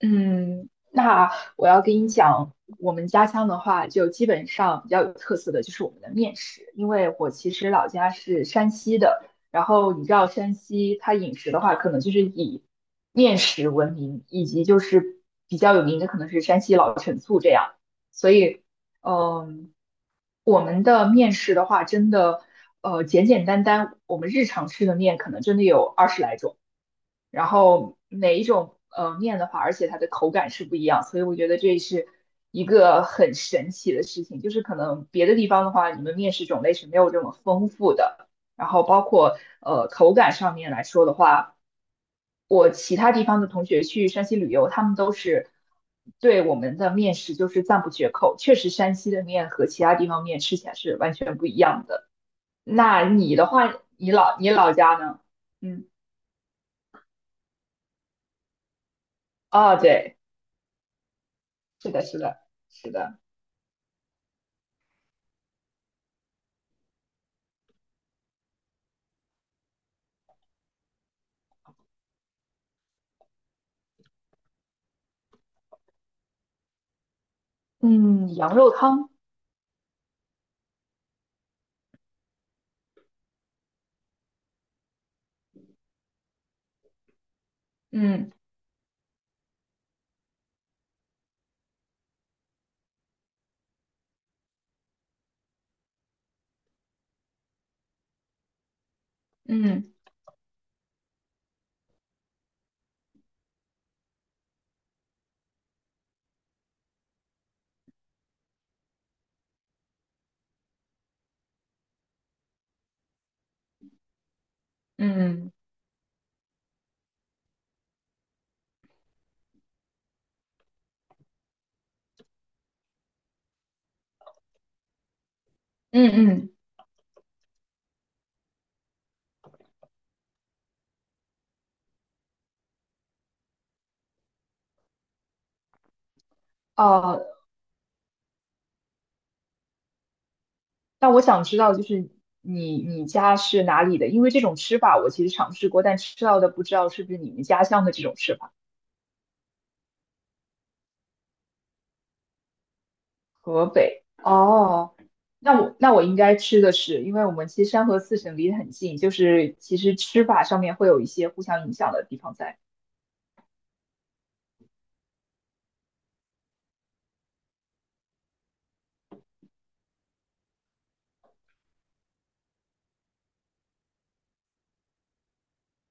嗯，那我要跟你讲，我们家乡的话，就基本上比较有特色的就是我们的面食，因为我其实老家是山西的，然后你知道山西它饮食的话，可能就是以面食闻名，以及就是比较有名的可能是山西老陈醋这样，所以，嗯，我们的面食的话，真的，简简单单，我们日常吃的面可能真的有20来种。然后哪一种面的话，而且它的口感是不一样，所以我觉得这是一个很神奇的事情。就是可能别的地方的话，你们面食种类是没有这么丰富的，然后包括口感上面来说的话，我其他地方的同学去山西旅游，他们都是对我们的面食就是赞不绝口。确实，山西的面和其他地方面吃起来是完全不一样的。那你的话，你老家呢？嗯，哦，对。是的，是的，是的，嗯，羊肉汤，嗯嗯嗯嗯嗯，哦，那我想知道，就是你家是哪里的？因为这种吃法我其实尝试过，但吃到的不知道是不是你们家乡的这种吃法。河北，哦，那我应该吃的是，因为我们其实山河四省离得很近，就是其实吃法上面会有一些互相影响的地方在。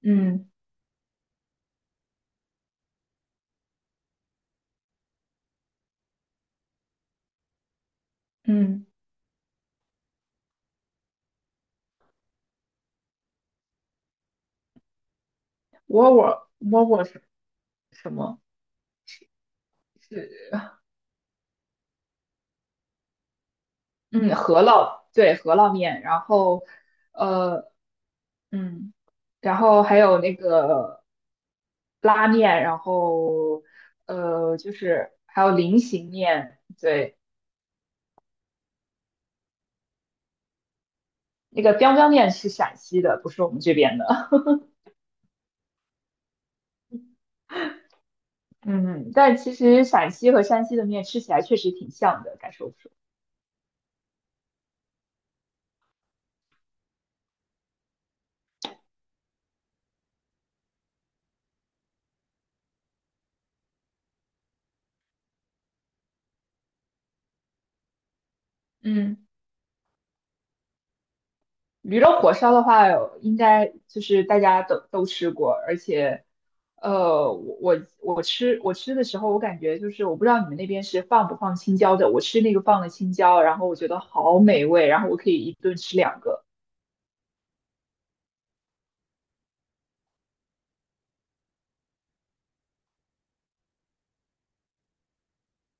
嗯嗯，窝窝是什么？是？嗯，饸烙对，饸烙面，然后呃，嗯，然后还有那个拉面，然后就是还有菱形面，对，那个 b i 面是陕西的，不是我们这边的。嗯，但其实陕西和山西的面吃起来确实挺像的，该说不说。嗯。驴肉火烧的话，应该就是大家都吃过，而且，呃，我我我吃的时候，我感觉就是我不知道你们那边是放不放青椒的，我吃那个放了青椒，然后我觉得好美味，然后我可以一顿吃两个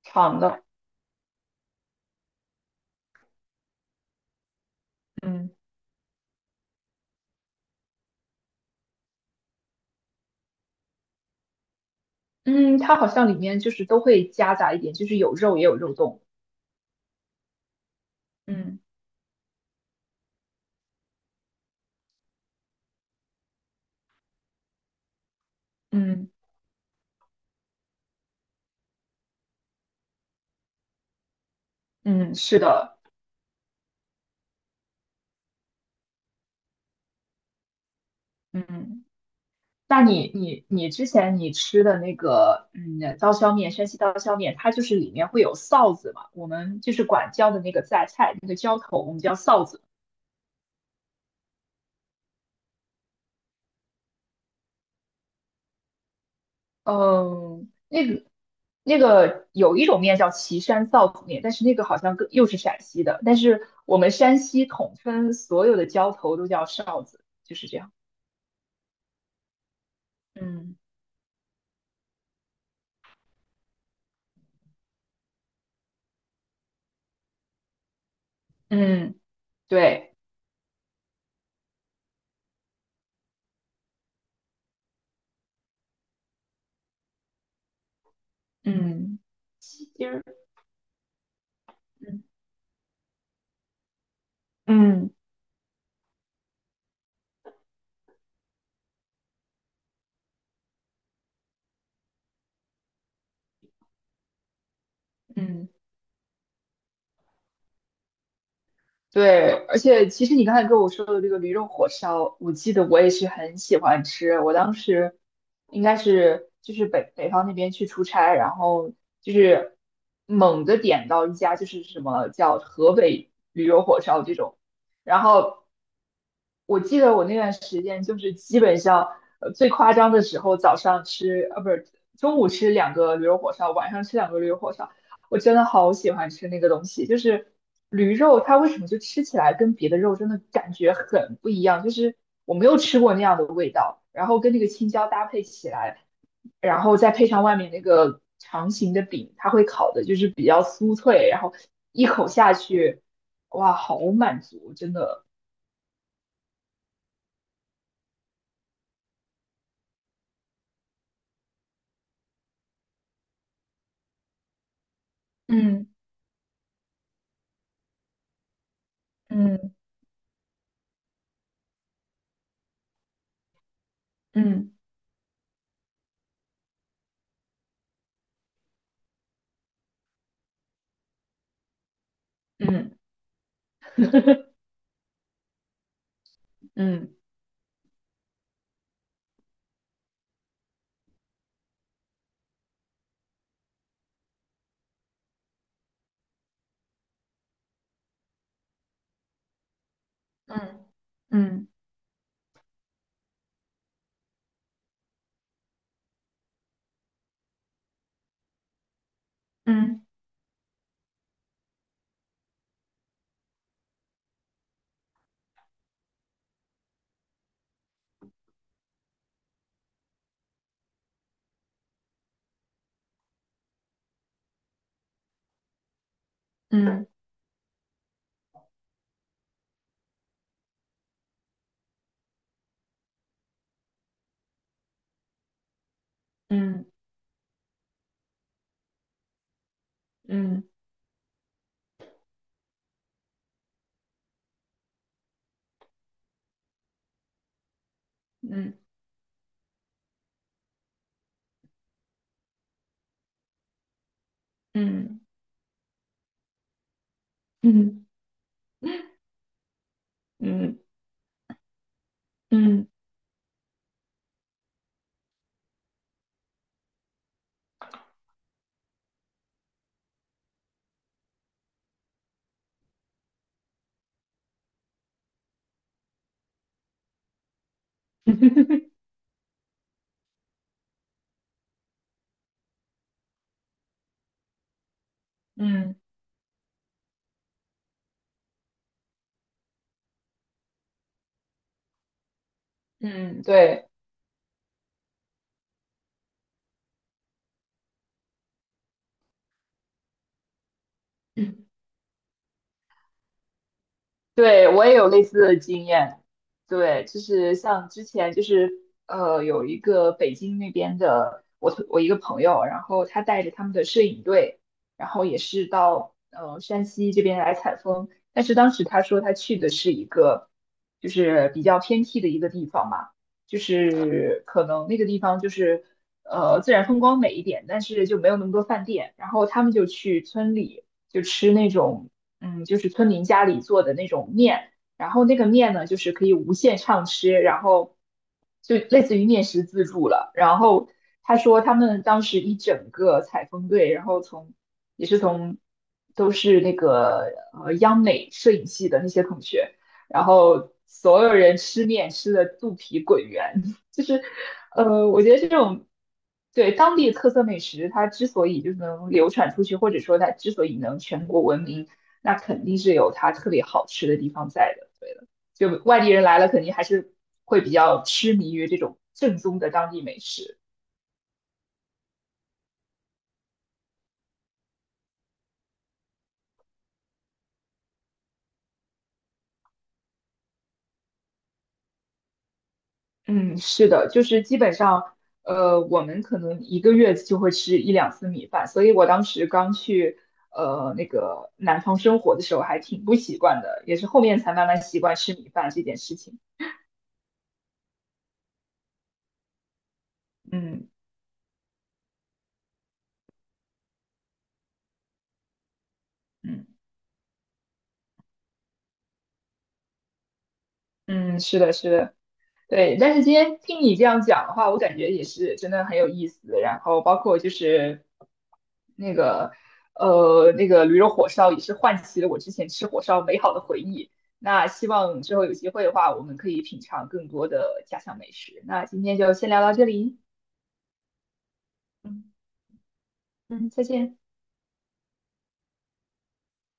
长的，嗯嗯，它好像里面就是都会夹杂一点，就是有肉也有肉冻，嗯嗯嗯，是的，嗯。那你之前你吃的那个刀削面，山西刀削面，它就是里面会有臊子嘛？我们就是管叫的那个榨菜，那个浇头，我们叫臊子。嗯，那个有一种面叫岐山臊子面，但是那个好像更又是陕西的，但是我们山西统称所有的浇头都叫臊子，就是这样。嗯嗯，对，嗯其实嗯嗯。嗯。对，而且其实你刚才跟我说的这个驴肉火烧，我记得我也是很喜欢吃。我当时应该是就是北北方那边去出差，然后就是猛地点到一家就是什么叫河北驴肉火烧这种，然后我记得我那段时间就是基本上呃最夸张的时候，早上吃呃不是中午吃两个驴肉火烧，晚上吃两个驴肉火烧。我真的好喜欢吃那个东西，就是驴肉，它为什么就吃起来跟别的肉真的感觉很不一样？就是我没有吃过那样的味道，然后跟那个青椒搭配起来，然后再配上外面那个长形的饼，它会烤的就是比较酥脆，然后一口下去，哇，好满足，真的。嗯嗯嗯嗯嗯嗯嗯嗯嗯嗯嗯嗯嗯嗯。嗯。嗯嗯嗯，对，对，我也有类似的经验。对，就是像之前就是有一个北京那边的我一个朋友，然后他带着他们的摄影队，然后也是到山西这边来采风。但是当时他说他去的是一个就是比较偏僻的一个地方嘛，就是可能那个地方就是自然风光美一点，但是就没有那么多饭店。然后他们就去村里就吃那种。嗯，就是村民家里做的那种面，然后那个面呢，就是可以无限畅吃，然后就类似于面食自助了。然后他说他们当时一整个采风队，然后从也是从都是那个央美摄影系的那些同学，然后所有人吃面吃的肚皮滚圆，就是我觉得这种。对，当地特色美食，它之所以就是能流传出去，或者说它之所以能全国闻名，那肯定是有它特别好吃的地方在的。对的，就外地人来了，肯定还是会比较痴迷于这种正宗的当地美食。嗯，是的，就是基本上，我们可能一个月就会吃1两次米饭，所以我当时刚去那个南方生活的时候还挺不习惯的，也是后面才慢慢习惯吃米饭这件事情。嗯嗯嗯，是的，是的。对，但是今天听你这样讲的话，我感觉也是真的很有意思。然后包括就是那个那个驴肉火烧，也是唤起了我之前吃火烧美好的回忆。那希望之后有机会的话，我们可以品尝更多的家乡美食。那今天就先聊到这里，嗯嗯，再见。